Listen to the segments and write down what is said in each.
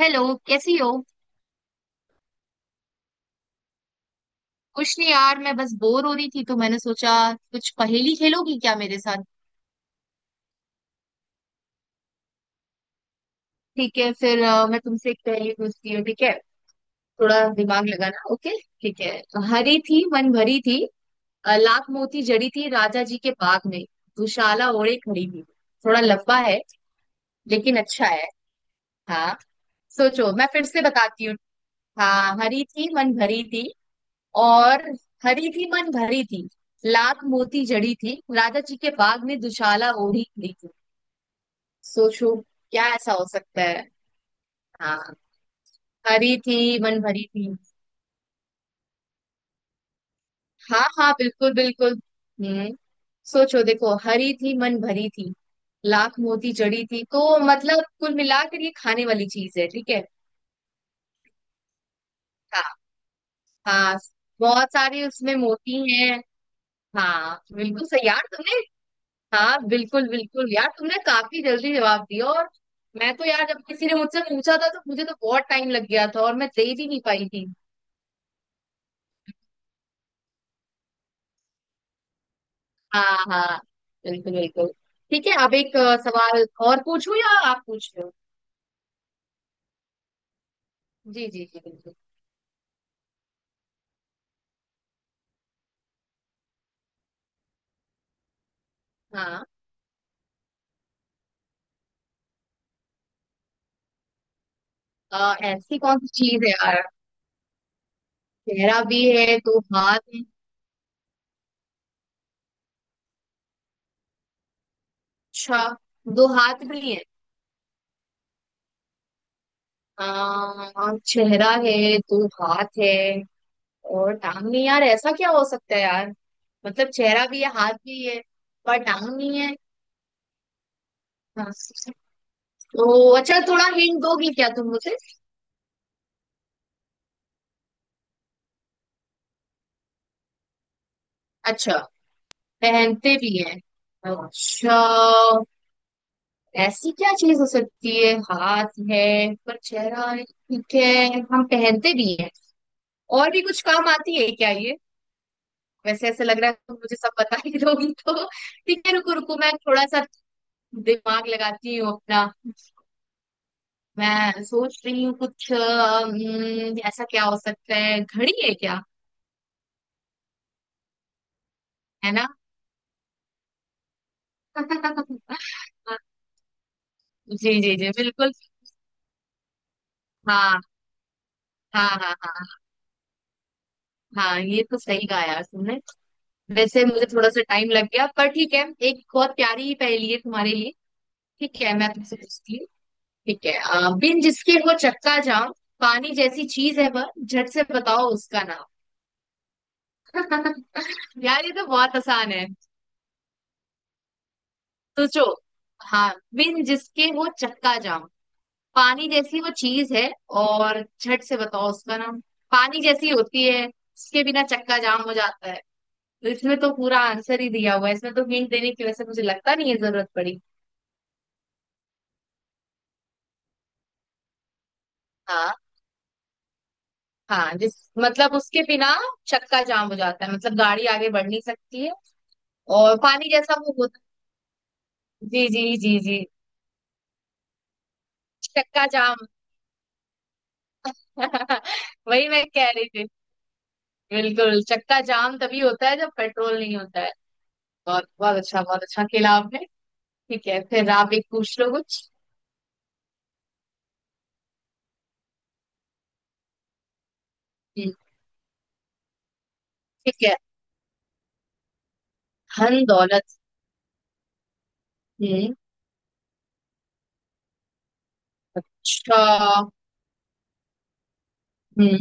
Hello. कैसी हो? कुछ नहीं यार, मैं बस बोर हो रही थी तो मैंने सोचा कुछ पहेली खेलोगी क्या मेरे साथ। ठीक है फिर मैं तुमसे एक पहेली पूछती हूँ। ठीक है, थोड़ा दिमाग लगाना। ओके, ठीक है। हरी थी मन भरी थी, लाख मोती जड़ी थी राजा जी के बाग में दुशाला ओढ़े खड़ी थी। थोड़ा लंबा है लेकिन अच्छा है। हाँ, सोचो, मैं फिर से बताती हूँ। हाँ, हरी थी मन भरी थी, और हरी थी मन भरी थी, लाख मोती जड़ी थी राजा जी के बाग में दुशाला ओढ़ी खड़ी थी। सोचो, क्या ऐसा हो सकता है। हाँ, हरी थी मन भरी थी। हाँ हाँ, बिल्कुल बिल्कुल। हम्म, सोचो देखो, हरी थी मन भरी थी, लाख मोती जड़ी थी, तो मतलब कुल मिलाकर ये खाने वाली चीज है, ठीक है। हाँ। हाँ, बहुत सारे उसमें मोती हैं। हाँ बिल्कुल सही यार तुमने। हाँ बिल्कुल बिल्कुल यार, तुमने काफी जल्दी जवाब दिया। और मैं तो यार, जब किसी ने मुझसे पूछा था तो मुझे तो बहुत टाइम लग गया था, और मैं दे भी नहीं पाई थी। हाँ हाँ, बिल्कुल बिल्कुल। ठीक है, अब एक सवाल और पूछूं या आप पूछ रहे हो? जी जी जी बिल्कुल। हाँ, ऐसी कौन सी चीज है यार। चेहरा भी है, दो हाथ है। अच्छा, दो हाथ भी है। चेहरा है, दो हाथ है, और टांग नहीं। यार ऐसा क्या हो सकता है यार। मतलब चेहरा भी है, हाथ भी है, पर टांग नहीं है। हाँ। तो अच्छा थोड़ा हिंट दोगी क्या तुम मुझे। अच्छा, पहनते भी है। अच्छा, ऐसी क्या चीज हो सकती है, हाथ है पर चेहरा है, ठीक है, हम पहनते भी हैं। और भी कुछ काम आती है क्या ये? वैसे ऐसे लग रहा है तुम मुझे सब बता ही दोगी तो। ठीक है, रुको रुको, मैं थोड़ा सा दिमाग लगाती हूँ अपना। मैं सोच रही हूँ कुछ, ऐसा क्या हो सकता है, घड़ी है क्या? है ना? जी जी जी बिल्कुल। हाँ हाँ हाँ। हाँ हाँ, ये तो सही कहा यार तुमने। वैसे मुझे थोड़ा सा टाइम लग गया, पर ठीक है, एक बहुत प्यारी पहेली है तुम्हारे लिए। ठीक है, मैं तुमसे पूछती हूँ, ठीक है। बिन जिसके वो चक्का जाम, पानी जैसी चीज है वह, झट से बताओ उसका नाम। यार ये तो बहुत आसान है। सोचो। हाँ, बिन जिसके वो चक्का जाम, पानी जैसी वो चीज है, और झट से बताओ उसका नाम। पानी जैसी होती है, उसके बिना चक्का जाम हो जाता है, तो इसमें तो पूरा आंसर ही दिया हुआ है इसमें, तो हिंट देने की वजह से मुझे लगता नहीं है जरूरत पड़ी। हाँ। हाँ, जिस मतलब उसके बिना चक्का जाम हो जाता है, मतलब गाड़ी आगे बढ़ नहीं सकती है। और पानी जैसा वो होता है। जी जी जी जी। चक्का जाम। वही मैं कह रही थी। बिल्कुल, चक्का जाम तभी होता है जब पेट्रोल नहीं होता है। बहुत बहुत अच्छा, बहुत अच्छा खेला आपने। ठीक है, फिर आप एक पूछ लो कुछ। हम्म, ठीक है। धन दौलत। हम्म, अच्छा। हम्म,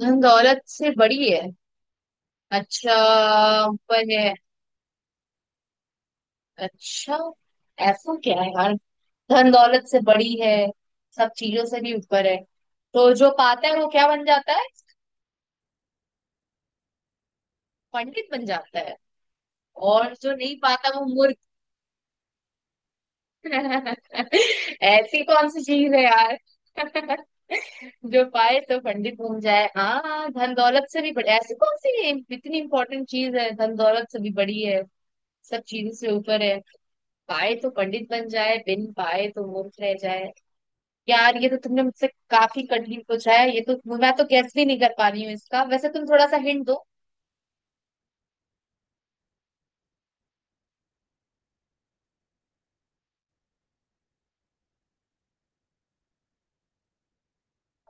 धन दौलत से बड़ी है। अच्छा, ऊपर है। अच्छा, ऐसा क्या है यार, धन दौलत से बड़ी है, सब चीजों से भी ऊपर है, तो जो पाता है वो क्या बन जाता है? पंडित बन जाता है। और जो नहीं पाता वो मूर्ख। ऐसी कौन सी चीज है यार? जो पाए तो पंडित बन जाए, हाँ, धन दौलत से भी बड़ी ऐसी कौन सी इतनी इंपॉर्टेंट चीज है, धन दौलत से भी बड़ी है, सब चीजों से ऊपर है, पाए तो पंडित बन जाए, बिन पाए तो मूर्ख रह जाए। यार ये तो तुमने मुझसे काफी कठिन पूछा है, ये तो मैं तो गैस भी नहीं कर पा रही हूँ इसका। वैसे तुम थोड़ा सा हिंट दो।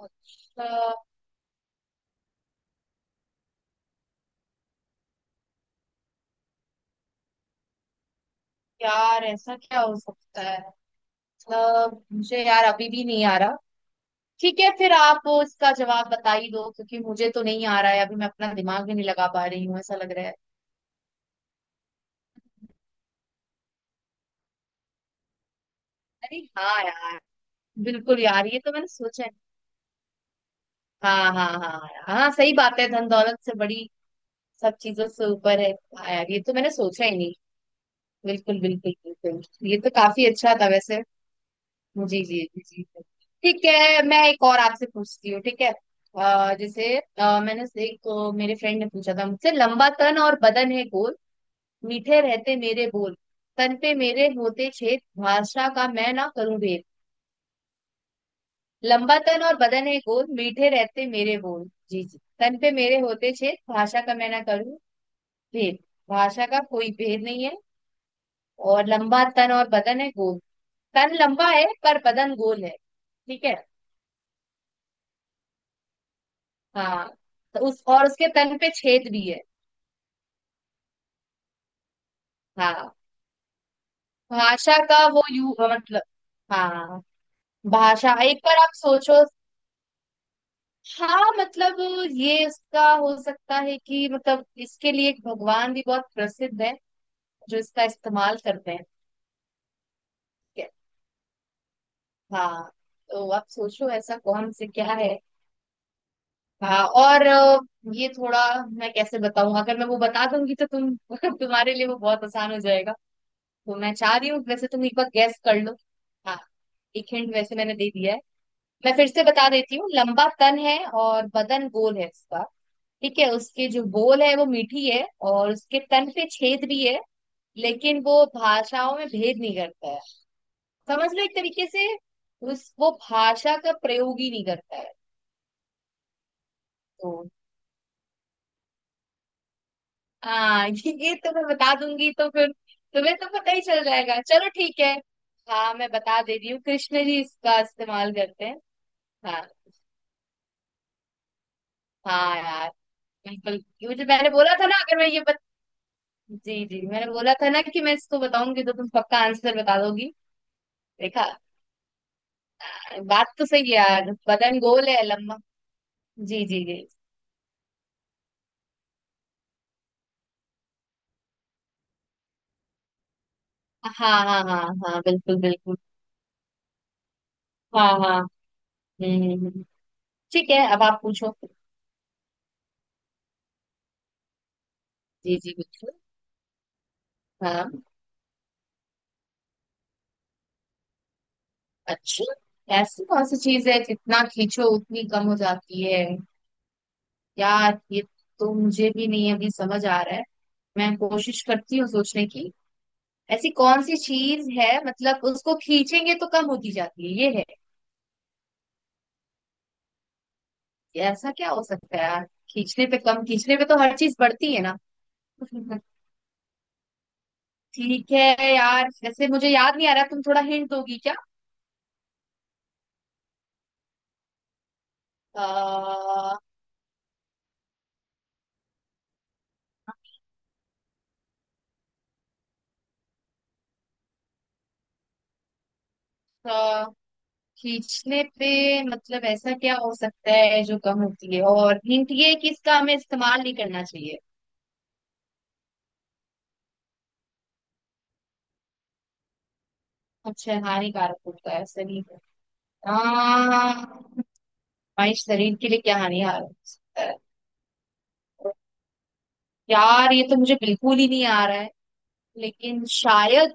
अच्छा। यार ऐसा क्या हो सकता है, मतलब मुझे यार अभी भी नहीं आ रहा। ठीक है, फिर आप इसका जवाब बता ही दो, क्योंकि मुझे तो नहीं आ रहा है अभी, मैं अपना दिमाग भी नहीं लगा पा रही हूँ ऐसा लग रहा है। अरे हाँ यार, बिल्कुल यार, ये तो मैंने सोचा है। हाँ हाँ हाँ यार, हाँ, सही बात है, धन दौलत से बड़ी, सब चीजों से ऊपर है। हाँ यार, ये तो मैंने सोचा ही नहीं। बिल्कुल बिल्कुल। बिल्कुल, ये तो काफी अच्छा था वैसे। जी जी जी जी। ठीक है, मैं एक और आपसे पूछती हूँ, ठीक है। जैसे एक मेरे फ्रेंड ने पूछा था मुझसे, लंबा तन और बदन है गोल, मीठे रहते मेरे बोल, तन पे मेरे होते छेद, भाषा का मैं ना करूं भेद। लंबा तन और बदन है गोल, मीठे रहते मेरे बोल, जी जी, तन पे मेरे होते छेद, भाषा का मैं ना करूं भेद। भाषा का कोई भेद नहीं है, और लंबा तन और बदन है गोल, तन लंबा है पर बदन गोल है, ठीक है। हाँ। तो उस, और उसके तन पे छेद भी है। हाँ। भाषा का वो यू मतलब। हाँ। भाषा, एक बार आप सोचो। हाँ मतलब ये इसका हो सकता है कि, मतलब इसके लिए एक भगवान भी बहुत प्रसिद्ध है जो इसका इस्तेमाल करते हैं, ठीक है। हाँ, तो आप सोचो ऐसा कौन से क्या है। हाँ और ये थोड़ा, मैं कैसे बताऊं, अगर मैं वो बता दूंगी तो तुम तुम्हारे लिए वो बहुत आसान हो जाएगा। तो मैं चाह रही हूँ वैसे तुम एक बार गैस कर लो। हाँ। एक हिंट वैसे मैंने दे दिया है। मैं फिर से बता देती हूँ, लंबा तन है और बदन गोल है इसका, ठीक है, उसके जो बोल है वो मीठी है, और उसके तन पे छेद भी है, लेकिन वो भाषाओं में भेद नहीं करता है, समझ लो एक तरीके से उस वो भाषा का प्रयोग ही नहीं करता है। तो हाँ, ये तो मैं बता दूंगी तो फिर तुम्हें तो पता ही चल जाएगा, चलो ठीक है। हाँ, मैं बता दे रही हूँ, कृष्ण जी इसका इस्तेमाल करते हैं। हाँ। हाँ यार बिल्कुल। मुझे मैंने बोला था ना, अगर मैं ये जी जी मैंने बोला था ना कि मैं इसको बताऊंगी तो तुम पक्का आंसर बता दोगी। देखा, बात तो सही है यार, बदन गोल है, लंबा। जी जी जी। हाँ हाँ हाँ। हाँ बिल्कुल बिल्कुल। हाँ हाँ। हम्म हम्म, हम्म। ठीक है, अब आप पूछो। जी जी बिल्कुल। हाँ। अच्छा, ऐसी कौन सी चीज है जितना खींचो उतनी कम हो जाती है। यार ये तो मुझे भी नहीं अभी समझ आ रहा है, मैं कोशिश करती हूँ सोचने की। ऐसी कौन सी चीज है मतलब, उसको खींचेंगे तो कम होती जाती है ये है। ऐसा क्या हो सकता है यार, खींचने पे कम, खींचने पे तो हर चीज बढ़ती है ना। ठीक है यार, वैसे मुझे याद नहीं आ रहा, तुम थोड़ा हिंट दोगी क्या। आ, खींचने पे मतलब ऐसा क्या हो सकता है जो कम होती है, और हिंट ये है कि इसका हमें इस्तेमाल नहीं करना चाहिए। अच्छा, हानिकारक होता है शरीर को। हमारे शरीर के लिए क्या हानिकारक हो सकता है? यार ये तो मुझे बिल्कुल ही नहीं आ रहा है, लेकिन शायद,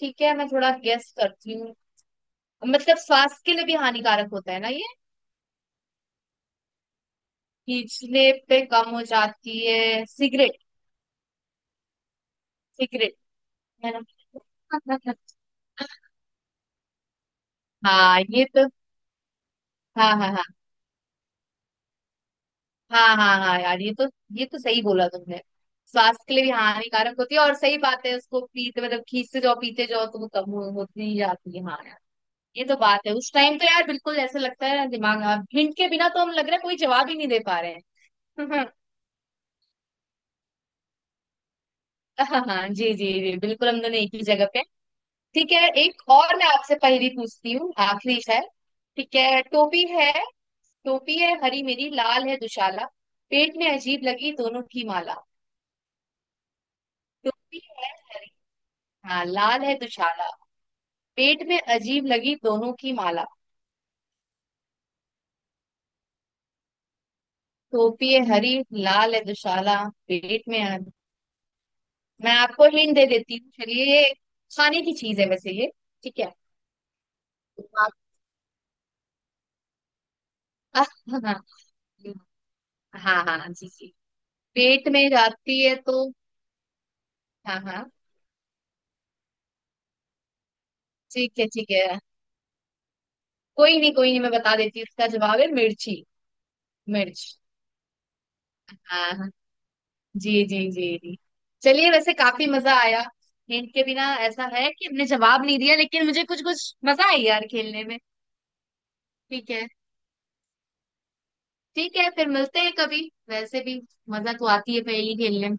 ठीक है मैं थोड़ा गेस करती हूँ, मतलब स्वास्थ्य के लिए भी हानिकारक होता है ना ये, पिछले पे कम हो जाती है, सिगरेट। सिगरेट। है ना? हाँ ये तो। हाँ हाँ हाँ। हाँ हाँ हाँ यार, ये तो, ये तो सही बोला तुमने। स्वास्थ्य के लिए भी हानिकारक होती है, और सही बात है, उसको पीते मतलब खींचते जाओ पीते जाओ तो वो होती ही जाती है। हाँ यार, ये तो बात है, उस टाइम तो यार बिल्कुल ऐसा लगता है ना, दिमाग हिंट के बिना तो, हम लग रहा है कोई जवाब ही नहीं दे पा रहे हैं। हाँ हाँ जी जी जी बिल्कुल, हम दोनों एक ही जगह पे हैं। ठीक है, एक और मैं आपसे पहेली पूछती हूँ, आखिरी है। ठीक है, टोपी है, टोपी है हरी मेरी, लाल है दुशाला, पेट में अजीब लगी दोनों की माला। टोपी है हरी। हाँ, लाल है दुशाला, पेट में अजीब लगी दोनों की माला। टोपी है हरी, लाल है दुशाला, पेट में अ- मैं आपको हिंट दे देती हूँ, चलिए ये खाने की चीज है वैसे ये। ठीक है, आप। हाँ हाँ हाँ जी जी, पेट में जाती है तो। हाँ हाँ। ठीक है ठीक है, कोई नहीं कोई नहीं, मैं बता देती हूँ, इसका जवाब है मिर्ची। मिर्च। हाँ हाँ, जी जी जी जी। चलिए, वैसे काफी मजा आया, हिंट के बिना ऐसा है कि हमने जवाब नहीं दिया, लेकिन मुझे कुछ कुछ मजा आई यार खेलने में। ठीक है ठीक है। फिर मिलते हैं कभी, वैसे भी मजा तो आती है पहेली खेलने में।